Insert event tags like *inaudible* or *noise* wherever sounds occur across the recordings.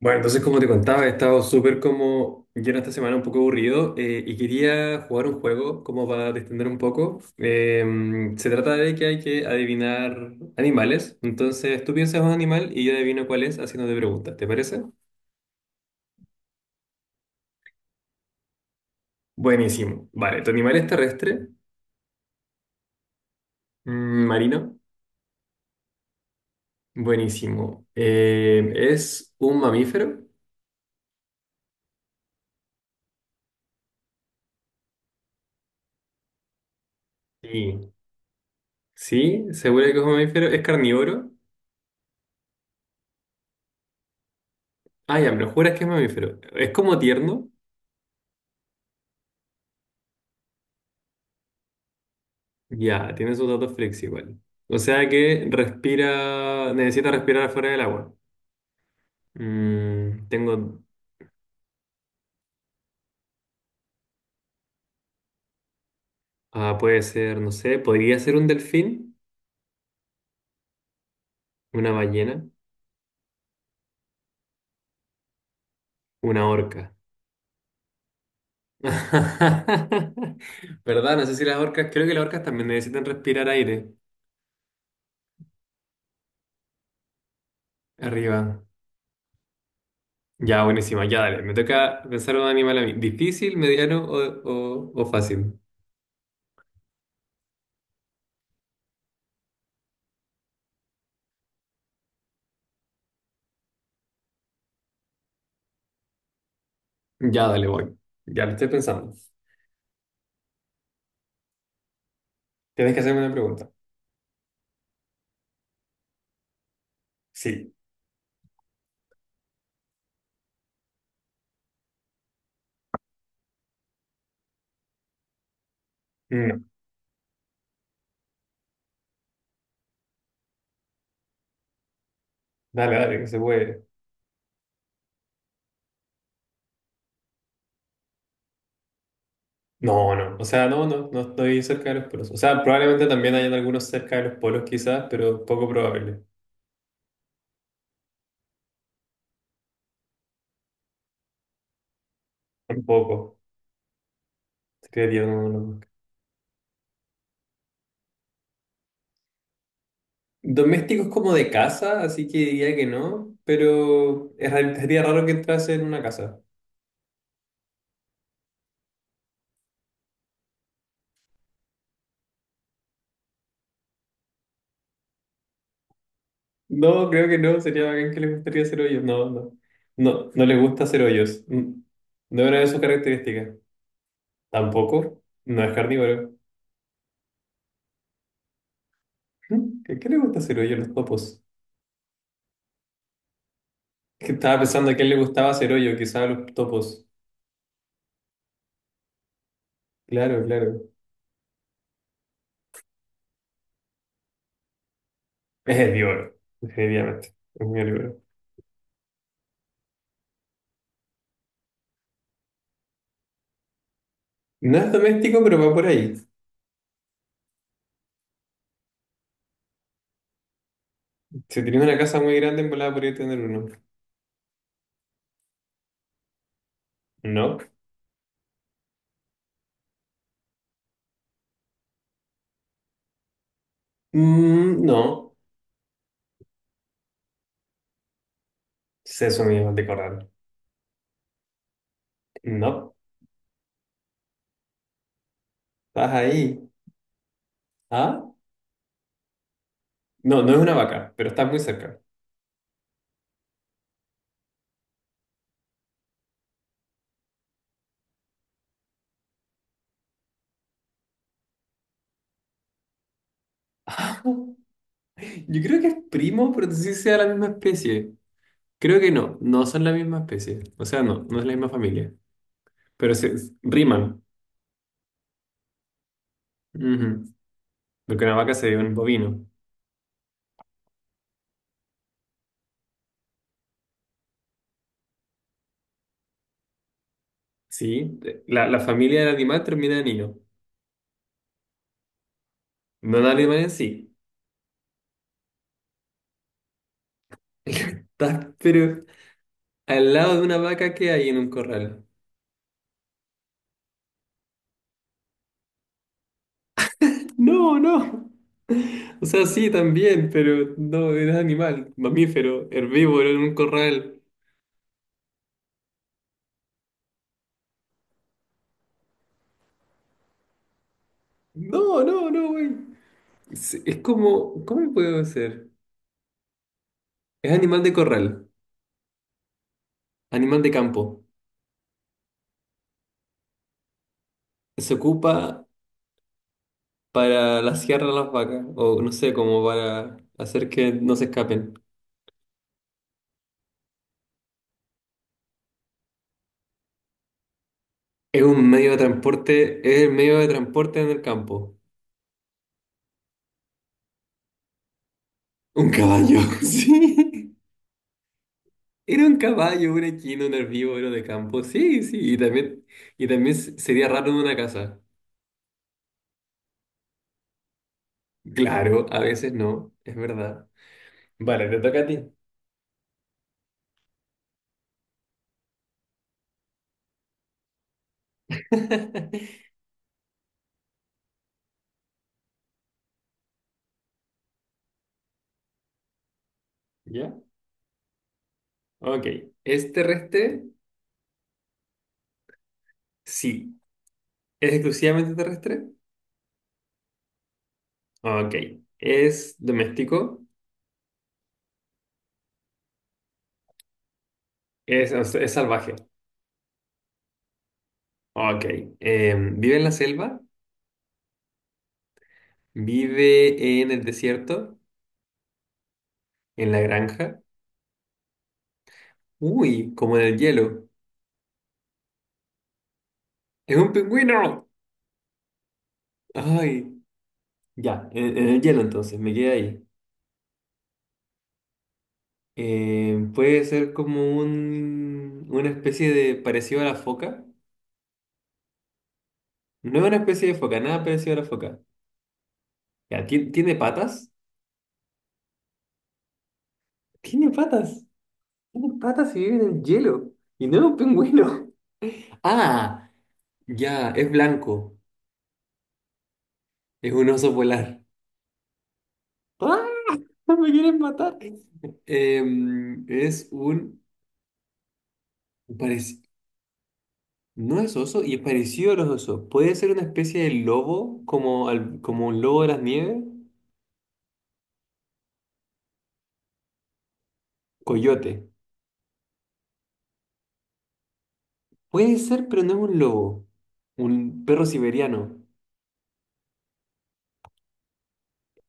Bueno, entonces como te contaba, he estado súper como lleno esta semana, un poco aburrido, y quería jugar un juego como para distender un poco. Se trata de que hay que adivinar animales, entonces tú piensas un animal y yo adivino cuál es haciéndote preguntas, ¿te parece? Buenísimo. Vale, ¿tu animal es terrestre? ¿Marino? Buenísimo. ¿Es un mamífero? Sí. ¿Sí? ¿Seguro que es un mamífero? ¿Es carnívoro? Ah, ya, me lo juras que es mamífero. ¿Es como tierno? Ya, tiene sus datos flex igual. O sea que respira, necesita respirar afuera del agua. Mm, tengo, puede ser, no sé, podría ser un delfín, una ballena, una orca. *laughs* ¿Verdad? No sé si las orcas, creo que las orcas también necesitan respirar aire arriba. Ya, buenísima, ya dale. Me toca pensar un animal a mí. ¿Difícil, mediano o fácil? Ya, dale, voy. Ya lo estoy pensando. Tienes que hacerme una pregunta. Sí. No. Dale, dale, que se puede. No, no, o sea, no, no, no estoy cerca de los polos. O sea, probablemente también hayan algunos cerca de los polos quizás, pero poco probable. Tampoco, creería, no, no. Domésticos como de casa, así que diría que no, pero sería raro que entrase en una casa. No, creo que no, sería bacán que les gustaría hacer hoyos. No, no, no, no les gusta hacer hoyos. Mm. No es una de sus características. Tampoco, no es carnívoro. *laughs* Mm, ¿a qué le gusta hacer hoyo a los topos? Que estaba pensando a quién le gustaba hacer hoyo, quizás a los topos. Claro, claro. Es herbívoro, definitivamente. Es muy herbívoro. No es doméstico, pero va por ahí. Si tienes una casa muy grande, en volada podría tener uno. No. Mm, no. Seso mismo de corral. No. Estás ahí. ¿Ah? No, no es una vaca, pero estás muy cerca. *laughs* Ah. Yo creo que es primo, pero no sé si sea la misma especie. Creo que no, no son la misma especie. O sea, no, no es la misma familia. Pero se riman. Ujú. Porque una vaca sería un bovino. Sí, la familia del animal termina en hilo. No el animal en sí. *laughs* Estás, pero al lado de una vaca que hay en un corral. No, no. O sea, sí, también, pero no, era animal, mamífero, herbívoro en un corral. No, no, no, güey. Es como, ¿cómo puedo ser? Es animal de corral, animal de campo. Se ocupa para la sierra a las vacas, o no sé, como para hacer que no se escapen. Es un medio de transporte, es el medio de transporte en el campo. Un caballo, *laughs* sí. Era un caballo, un equino, un herbívoro de campo. Sí, sí. Y también, sería raro en una casa. Claro, a veces no, es verdad. Vale, te toca a ti. *laughs* ¿Ya? Ok. ¿Es terrestre? Sí. ¿Es exclusivamente terrestre? Ok. ¿Es doméstico? Es salvaje. Ok. ¿Vive en la selva? ¿Vive en el desierto? ¿En la granja? Uy, como en el hielo. ¡Es un pingüino! Ay, ya, en el hielo entonces, me quedé ahí. Puede ser como una especie de parecido a la foca. No es una especie de foca, nada parecido a la foca. Ya, ¿tiene patas? Tiene patas. Tiene patas y vive en el hielo. Y no es un pingüino. *laughs* Ah, ya, es blanco. Es un oso polar. ¡Ah! ¡No! ¡Me quieren matar! Em, es un parecido. No es oso y es parecido a los osos. Puede ser una especie de lobo, como un lobo de las nieves, coyote. Puede ser, pero no es un lobo. Un perro siberiano.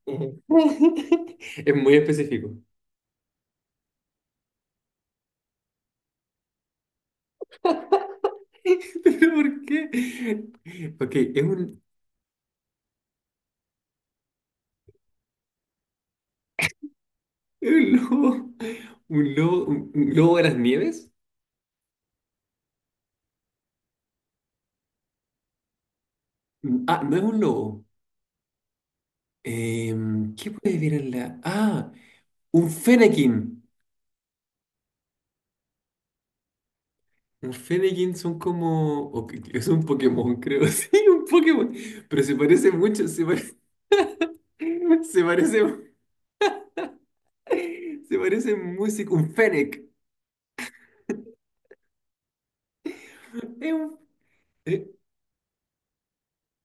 Ujú. *laughs* Es muy específico. *laughs* ¿Pero por qué? Ok, es un lobo. ¿Un lobo, un lobo de las nieves? Ah, no es un lobo. Em, ¿qué puede ver en la...? Ah, un fenequín. Un Fennekin son como... es un Pokémon, creo. *laughs* Sí, un Pokémon. Pero se parece mucho. Se parece... *laughs* Se parece... Se parece músico. Un Fennec. Es un... Es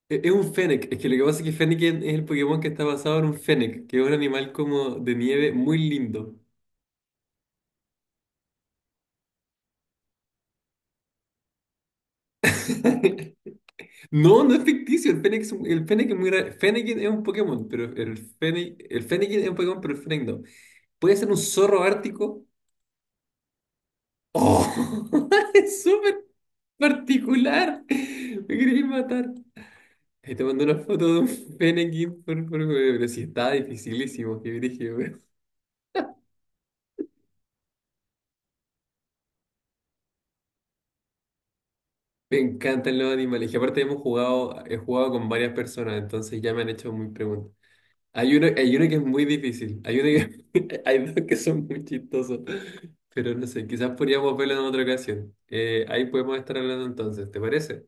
es un Fennec. Es que lo que pasa es que Fennekin es el Pokémon que está basado en un Fennec, que es un animal como de nieve muy lindo. *laughs* No, no es ficticio. El Fennec es muy raro. Fennekin es un Pokémon, pero el Fennec... El Fennekin es un Pokémon, pero el Fennec no. Puede ser un zorro ártico. ¡Oh! *laughs* Es súper particular. Me queréis matar. Ahí te mando una foto de un pene aquí pero sí está dificilísimo, qué brígido, weón. Me encantan los animales. Y aparte hemos jugado, he jugado con varias personas, entonces ya me han hecho muy preguntas. Hay uno que es muy difícil. *laughs* Hay dos que son muy chistosos. Pero no sé, quizás podríamos verlo en otra ocasión. Ahí podemos estar hablando entonces, ¿te parece?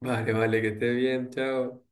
Vale, vale, que estés bien, chao.